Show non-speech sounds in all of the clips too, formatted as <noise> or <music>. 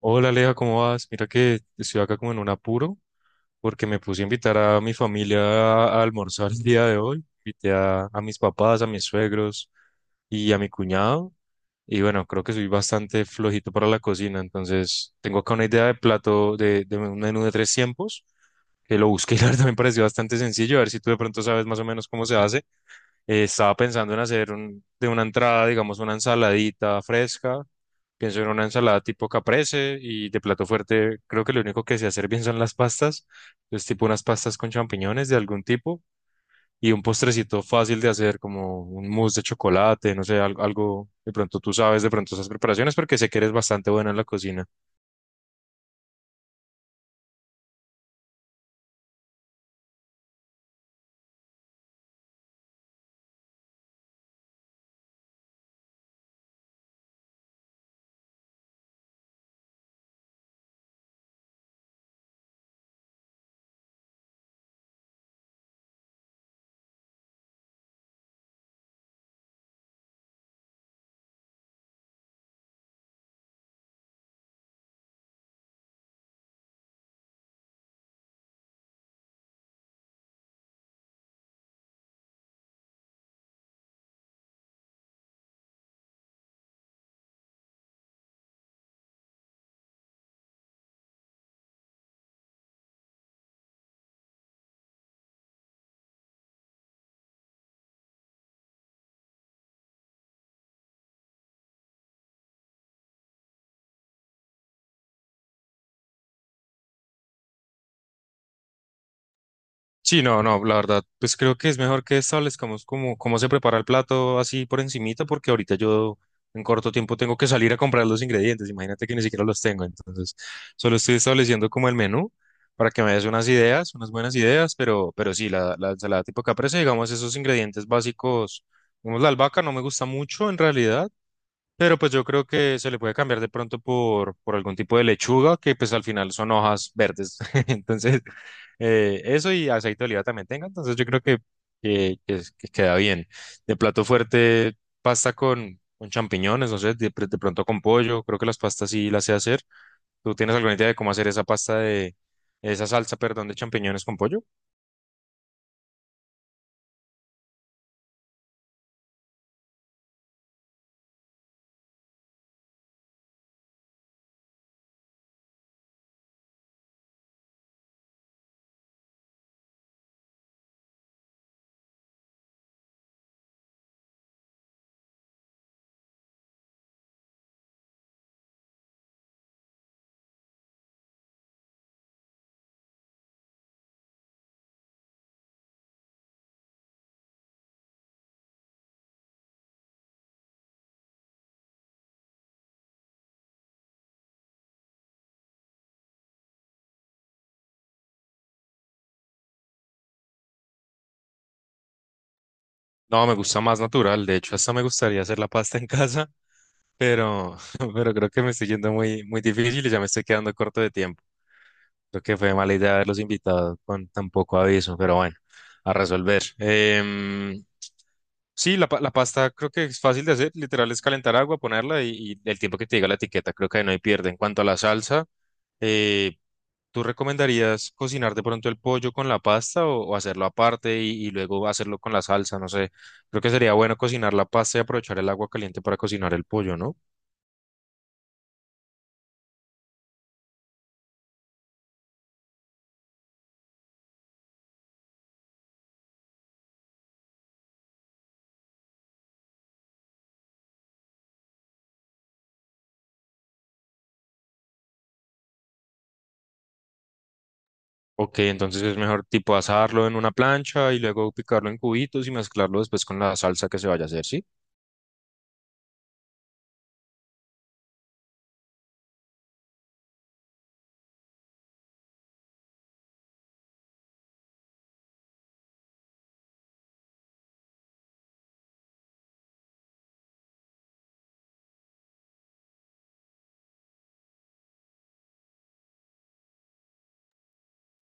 Hola Aleja, ¿cómo vas? Mira que estoy acá como en un apuro porque me puse a invitar a mi familia a almorzar el día de hoy. Invité a mis papás, a mis suegros y a mi cuñado. Y bueno, creo que soy bastante flojito para la cocina, entonces tengo acá una idea de plato, de un menú de tres tiempos, que lo busqué <laughs> y la verdad me pareció bastante sencillo. A ver si tú de pronto sabes más o menos cómo se hace. Estaba pensando en hacer de una entrada, digamos, una ensaladita fresca. Pienso en una ensalada tipo caprese y de plato fuerte creo que lo único que sé hacer bien son las pastas. Es tipo unas pastas con champiñones de algún tipo y un postrecito fácil de hacer como un mousse de chocolate, no sé, algo, de pronto tú sabes de pronto esas preparaciones porque sé que eres bastante buena en la cocina. Sí, no, no, la verdad, pues creo que es mejor que establezcamos cómo se prepara el plato así por encimita, porque ahorita yo en corto tiempo tengo que salir a comprar los ingredientes, imagínate que ni siquiera los tengo, entonces solo estoy estableciendo como el menú para que me des unas ideas, unas buenas ideas, pero sí, la ensalada tipo caprese, digamos, esos ingredientes básicos, digamos, la albahaca no me gusta mucho en realidad, pero pues yo creo que se le puede cambiar de pronto por algún tipo de lechuga, que pues al final son hojas verdes. <laughs> Entonces, eso y aceite de oliva también tenga. Entonces yo creo que queda bien. De plato fuerte, pasta con champiñones, no sé, de pronto con pollo. Creo que las pastas sí las sé hacer. ¿Tú tienes alguna idea de cómo hacer esa pasta de, esa salsa, perdón, de champiñones con pollo? No, me gusta más natural. De hecho, hasta me gustaría hacer la pasta en <laughs> casa, pero, <laughs> pero creo que me estoy yendo muy, muy difícil y ya me estoy quedando corto de tiempo. Creo que fue mala idea haberlos invitado con tan poco aviso, pero bueno, a resolver. Sí, la pasta creo que es fácil de hacer. Literal es calentar agua, ponerla y el tiempo que te diga la etiqueta, creo que ahí no hay pierde. En cuanto a la salsa, eh, ¿tú recomendarías cocinar de pronto el pollo con la pasta o hacerlo aparte y luego hacerlo con la salsa? No sé, creo que sería bueno cocinar la pasta y aprovechar el agua caliente para cocinar el pollo, ¿no? Ok, entonces es mejor tipo asarlo en una plancha y luego picarlo en cubitos y mezclarlo después con la salsa que se vaya a hacer, ¿sí?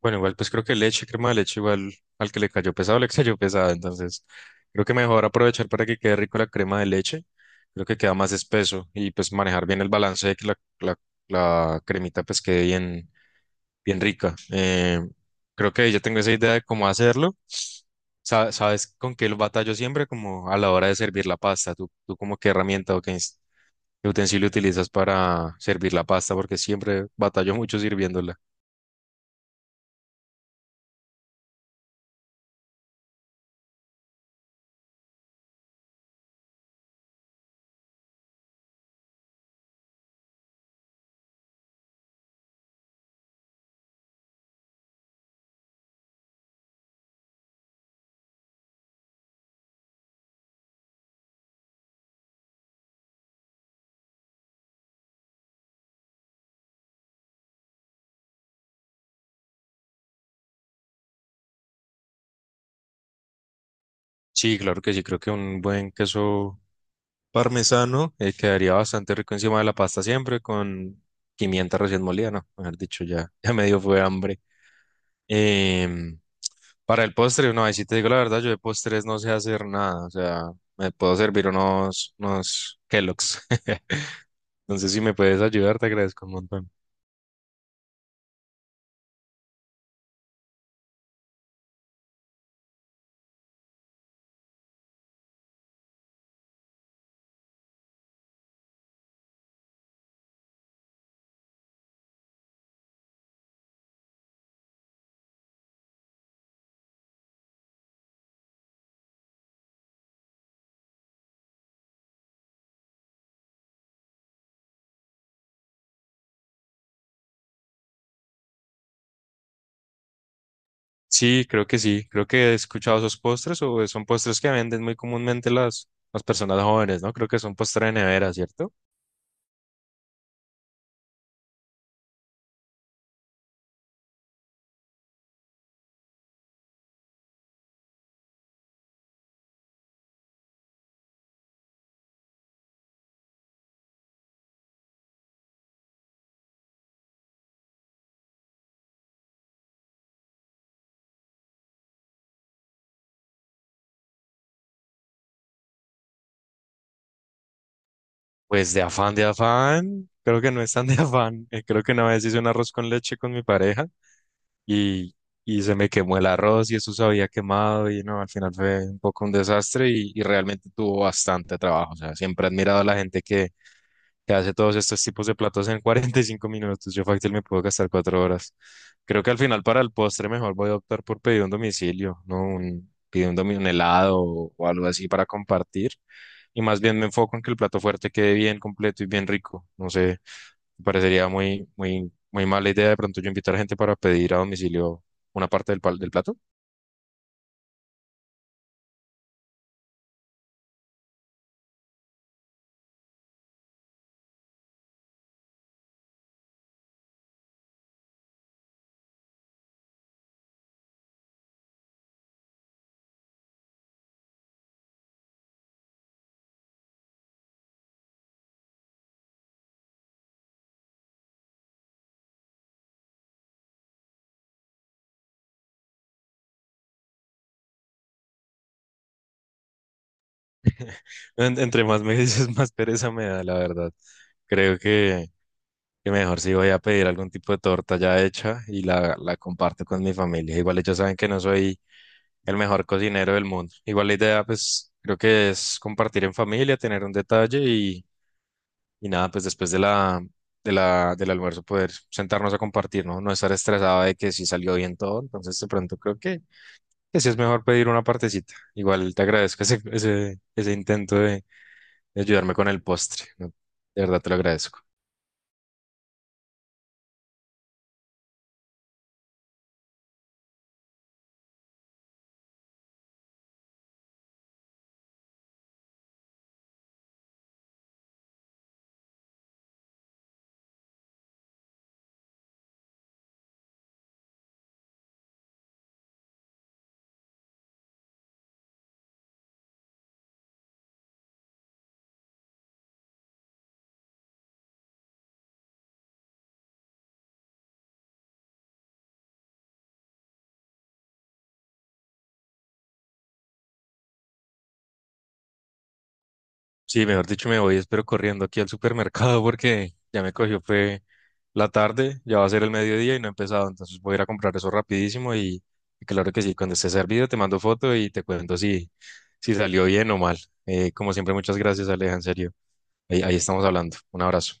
Bueno, igual pues creo que leche, crema de leche, igual al que le cayó pesado, le <laughs> cayó pesada, entonces creo que mejor aprovechar para que quede rico la crema de leche, creo que queda más espeso y pues manejar bien el balance de la, la cremita pues quede bien, bien rica. Creo que ya tengo esa idea de cómo hacerlo. ¿Sabes con qué lo batallo siempre? Como a la hora de servir la pasta, ¿tú como qué herramienta o qué, qué utensilio utilizas para servir la pasta? Porque siempre batallo mucho sirviéndola. Sí, claro que sí, creo que un buen queso parmesano quedaría bastante rico encima de la pasta siempre con pimienta recién molida, ¿no? Haber dicho ya, <laughs> ya me dio fue hambre. Em, para el postre, no, ahí sí te digo la verdad, yo de postres no sé hacer nada, o sea, me puedo servir unos Kellogg's. <laughs> Entonces, si me puedes ayudar, te agradezco un montón. Sí. Creo que he escuchado esos postres o son postres que venden muy comúnmente las personas jóvenes, ¿no? Creo que son postres de nevera, ¿cierto? Pues de afán, de afán. Creo que no es tan de afán. Creo que una vez hice un arroz con leche con mi pareja y, y se me quemó el arroz y eso se había quemado y no, al final fue un poco un desastre y realmente tuvo bastante trabajo. O sea, siempre he admirado a la gente que hace todos estos tipos de platos en <laughs> 45 minutos. Yo fácil me puedo gastar 4 horas. Creo que al final para el postre mejor voy a optar por pedir un domicilio, ¿no? Un, pedir un, un helado o algo así para compartir. Y más bien me enfoco en que el plato fuerte quede bien completo y bien rico. No sé, me parecería muy, muy, muy mala idea de pronto yo invitar a gente para pedir a domicilio una parte del plato. Entre más me dices, <laughs> más pereza me da, la verdad. Creo que... Y mejor si voy a pedir algún tipo de torta ya hecha y la comparto con mi familia. Igual ellos saben que no soy el mejor cocinero del mundo. Igual la idea, pues, creo que es compartir en familia, tener un detalle y nada, pues después de del almuerzo poder sentarnos a compartir, ¿no? No estar estresado de que si salió bien todo. Entonces, de pronto creo que sí es mejor pedir una partecita. Igual te agradezco ese intento de ayudarme con el postre, ¿no? De verdad te lo agradezco. Sí, mejor dicho, me voy, espero corriendo aquí al supermercado porque ya me cogió, fue la tarde, ya va a ser el mediodía y no he empezado, entonces voy a ir a comprar eso rapidísimo y claro que sí, cuando esté servido te mando foto y te cuento si salió bien o mal. Como siempre, muchas gracias, Aleja, en serio. Ahí estamos hablando. Un abrazo.